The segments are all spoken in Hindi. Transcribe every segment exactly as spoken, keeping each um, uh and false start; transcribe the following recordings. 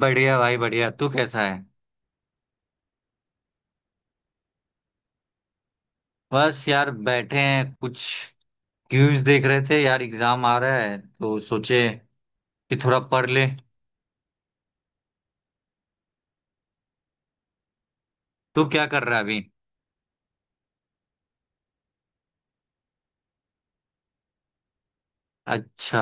बढ़िया भाई बढ़िया। तू कैसा है? बस यार बैठे हैं कुछ। क्यूज देख रहे थे यार, एग्जाम आ रहा है तो सोचे कि थोड़ा पढ़ ले। तू क्या कर रहा है अभी? अच्छा।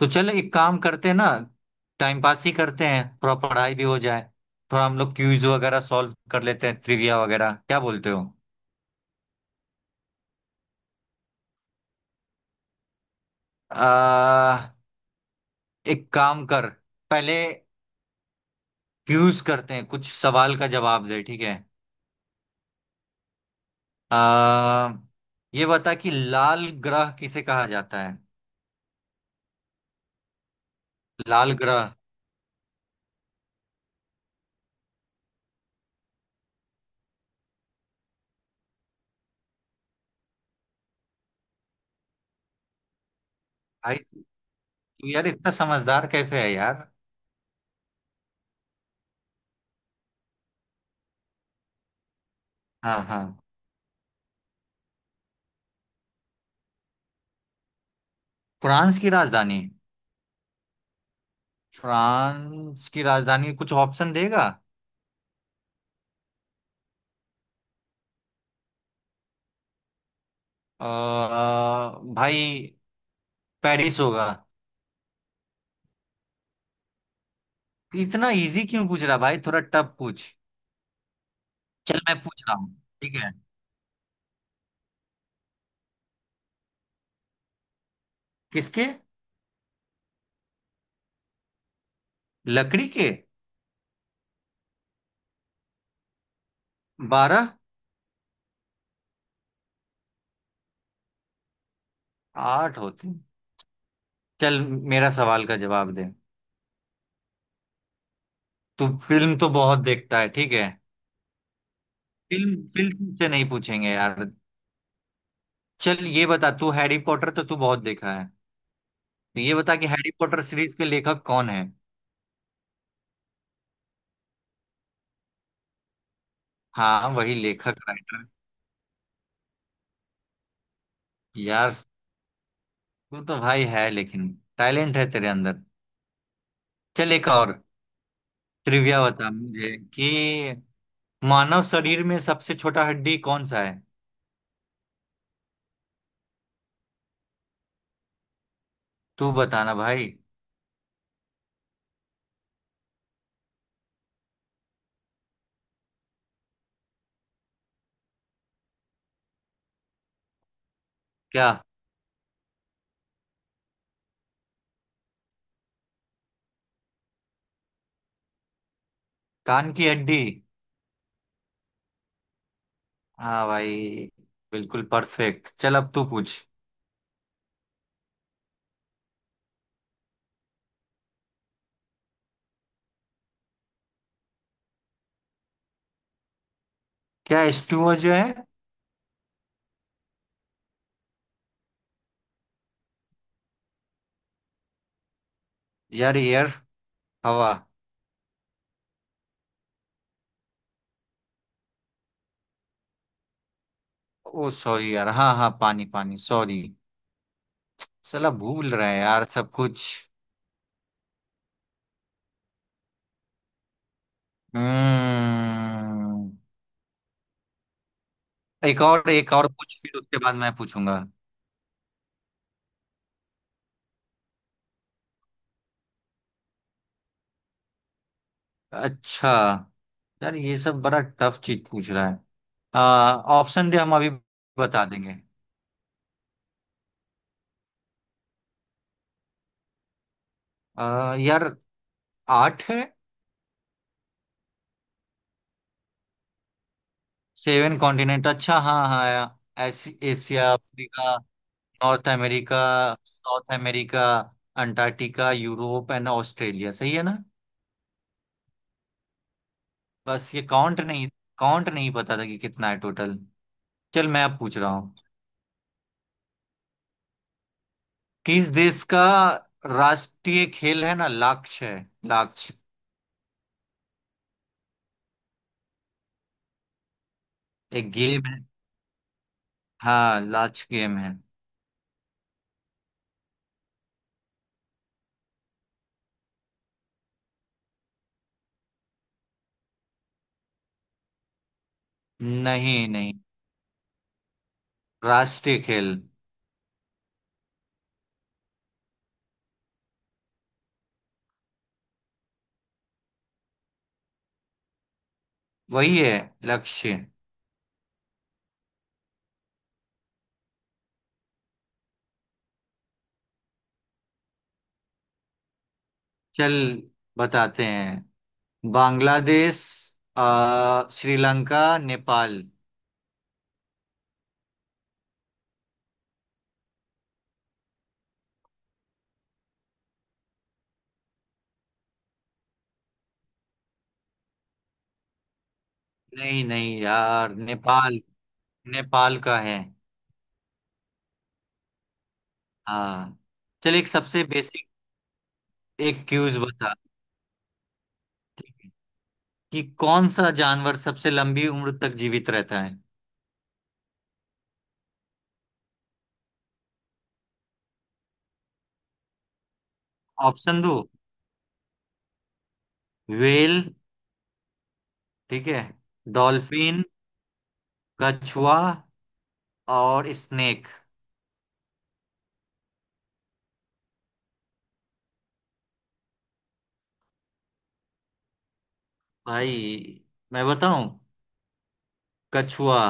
तो चल एक काम करते हैं ना, टाइम पास ही करते हैं, थोड़ा पढ़ाई भी हो जाए। थोड़ा हम लोग क्यूज वगैरह सॉल्व कर लेते हैं, ट्रिविया वगैरह, क्या बोलते हो? आ, एक काम कर, पहले क्यूज करते हैं, कुछ सवाल का जवाब दे, ठीक है? आ, ये बता कि लाल ग्रह किसे कहा जाता है। लाल ग्रह। भाई तू, यार इतना समझदार कैसे है यार। हाँ हाँ। फ्रांस की राजधानी, फ्रांस की राजधानी कुछ ऑप्शन देगा? आ, भाई पेरिस होगा। इतना इजी क्यों पूछ रहा भाई, थोड़ा टफ पूछ। चल मैं पूछ रहा हूँ। ठीक है। किसके? लकड़ी के? बारह। आठ होते हैं। चल मेरा सवाल का जवाब दे। तू फिल्म तो बहुत देखता है, ठीक है? फिल्म फिल्म से नहीं पूछेंगे यार। चल ये बता, तू हैरी पॉटर तो तू बहुत देखा है। तो ये बता कि हैरी पॉटर सीरीज के लेखक कौन है। हाँ वही लेखक राइटर। यार, तू तो भाई है, लेकिन टैलेंट है तेरे अंदर। चल एक और ट्रिविया बता मुझे कि मानव शरीर में सबसे छोटा हड्डी कौन सा है। तू बताना भाई। क्या? कान की हड्डी। हाँ भाई, बिल्कुल परफेक्ट। चल अब तू पूछ। क्या स्टूवा जो है? यार एयर, हवा। ओ सॉरी यार, हाँ हाँ पानी पानी सॉरी। साला भूल रहा है यार सब कुछ। हम्म। एक और एक और पूछ फिर उसके बाद मैं पूछूंगा। अच्छा, यार ये सब बड़ा टफ चीज पूछ रहा है। आ ऑप्शन दे, हम अभी बता देंगे। आ, यार आठ है। सेवन कॉन्टिनेंट, अच्छा हाँ हाँ यार, एसी, Asia, Africa, North America, South America, Antarctica, Europe and Australia, सही है ना? बस ये काउंट नहीं, काउंट नहीं पता था कि कितना है टोटल। चल मैं अब पूछ रहा हूँ। किस देश का राष्ट्रीय खेल है ना, लाक्ष है, लाक्ष। एक गेम है, हाँ लाक्ष गेम है। नहीं नहीं, राष्ट्रीय खेल। वही है, लक्ष्य। चल बताते हैं, बांग्लादेश, अ, श्रीलंका, नेपाल। नहीं नहीं यार, नेपाल। नेपाल का है। हाँ। चल एक सबसे बेसिक, एक क्यूज बता कि कौन सा जानवर सबसे लंबी उम्र तक जीवित रहता है। ऑप्शन दो। व्हेल, ठीक है, डॉल्फिन, कछुआ और स्नेक। भाई मैं बताऊं, कछुआ।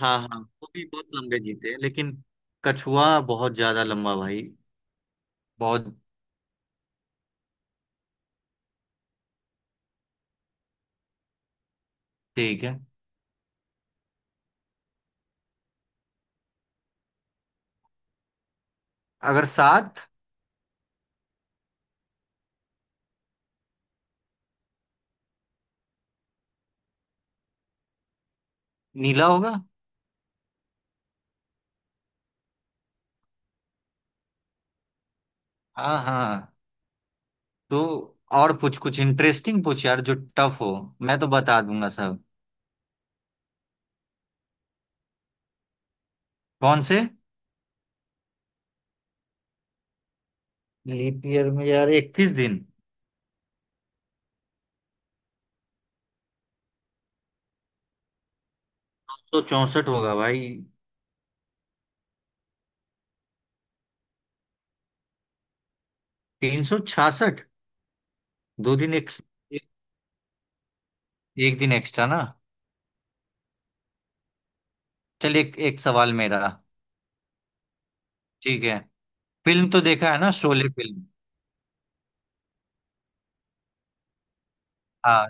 हाँ हाँ, वो भी बहुत लंबे जीते हैं, लेकिन कछुआ बहुत ज्यादा लंबा भाई। बहुत। ठीक है। अगर सात नीला होगा। हाँ हाँ, तो और पूछ, कुछ इंटरेस्टिंग पूछ यार, जो टफ हो। मैं तो बता दूंगा सब। कौन से? लीप ईयर में, यार इकतीस दिन। तो चौसठ होगा भाई। तीन सौ छियासठ। दो दिन, एक, एक, एक दिन एक्स्ट्रा ना। चल एक एक सवाल मेरा, ठीक है? फिल्म तो देखा है ना, शोले फिल्म। हाँ,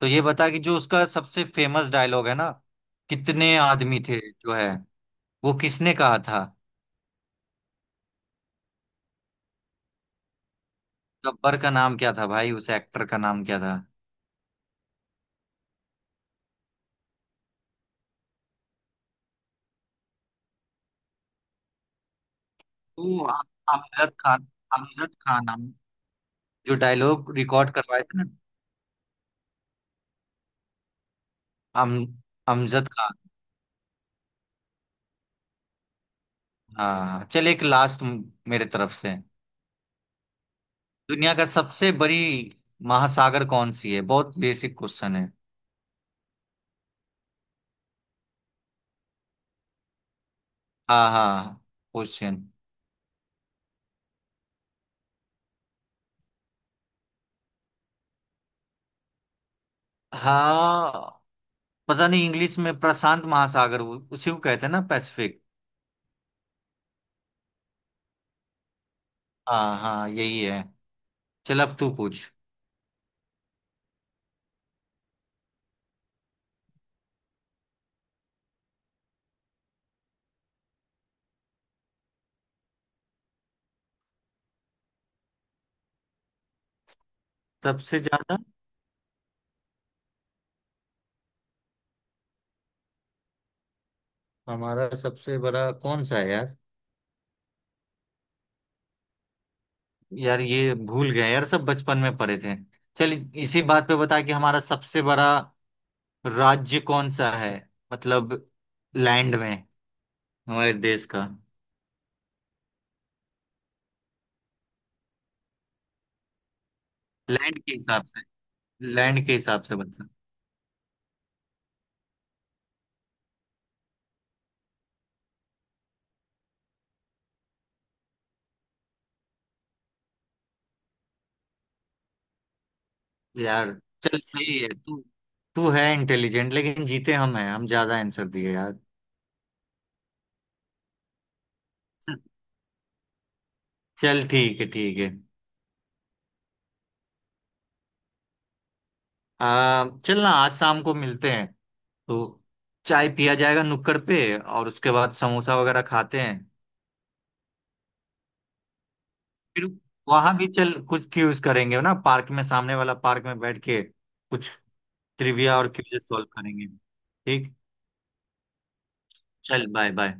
तो ये बता कि जो उसका सबसे फेमस डायलॉग है ना, कितने आदमी थे जो है, वो किसने कहा था? गब्बर का नाम क्या था भाई, उस एक्टर का नाम क्या था? वो हम- अमजद खान। अमजद खान हम जो डायलॉग रिकॉर्ड करवाए थे ना। अम अमजद खान। हाँ, चल एक लास्ट मेरे तरफ से। दुनिया का सबसे बड़ी महासागर कौन सी है, बहुत बेसिक क्वेश्चन है। हाँ हाँ, क्वेश्चन। हाँ पता नहीं, इंग्लिश में प्रशांत महासागर, वो- उसी को कहते हैं ना, पैसिफिक। हाँ हाँ यही है। चल अब तू पूछ। सबसे ज्यादा? हमारा सबसे बड़ा कौन सा है यार? यार ये भूल गए यार, सब बचपन में पढ़े थे। चल इसी बात पे बता कि हमारा सबसे बड़ा राज्य कौन सा है, मतलब लैंड में, हमारे देश का। लैंड के हिसाब से, लैंड के हिसाब से बता। यार, चल सही है तू, तू है इंटेलिजेंट, लेकिन जीते हम हैं, हम ज्यादा आंसर दिए यार। चल ठीक है ठीक है। आ, चल ना, आज शाम को मिलते हैं तो, चाय पिया जाएगा नुक्कड़ पे और उसके बाद समोसा वगैरह खाते हैं। फिर वहां भी चल कुछ क्यूज करेंगे ना, पार्क में, सामने वाला पार्क में बैठ के कुछ ट्रिविया और क्यूज सॉल्व करेंगे। ठीक। चल बाय बाय।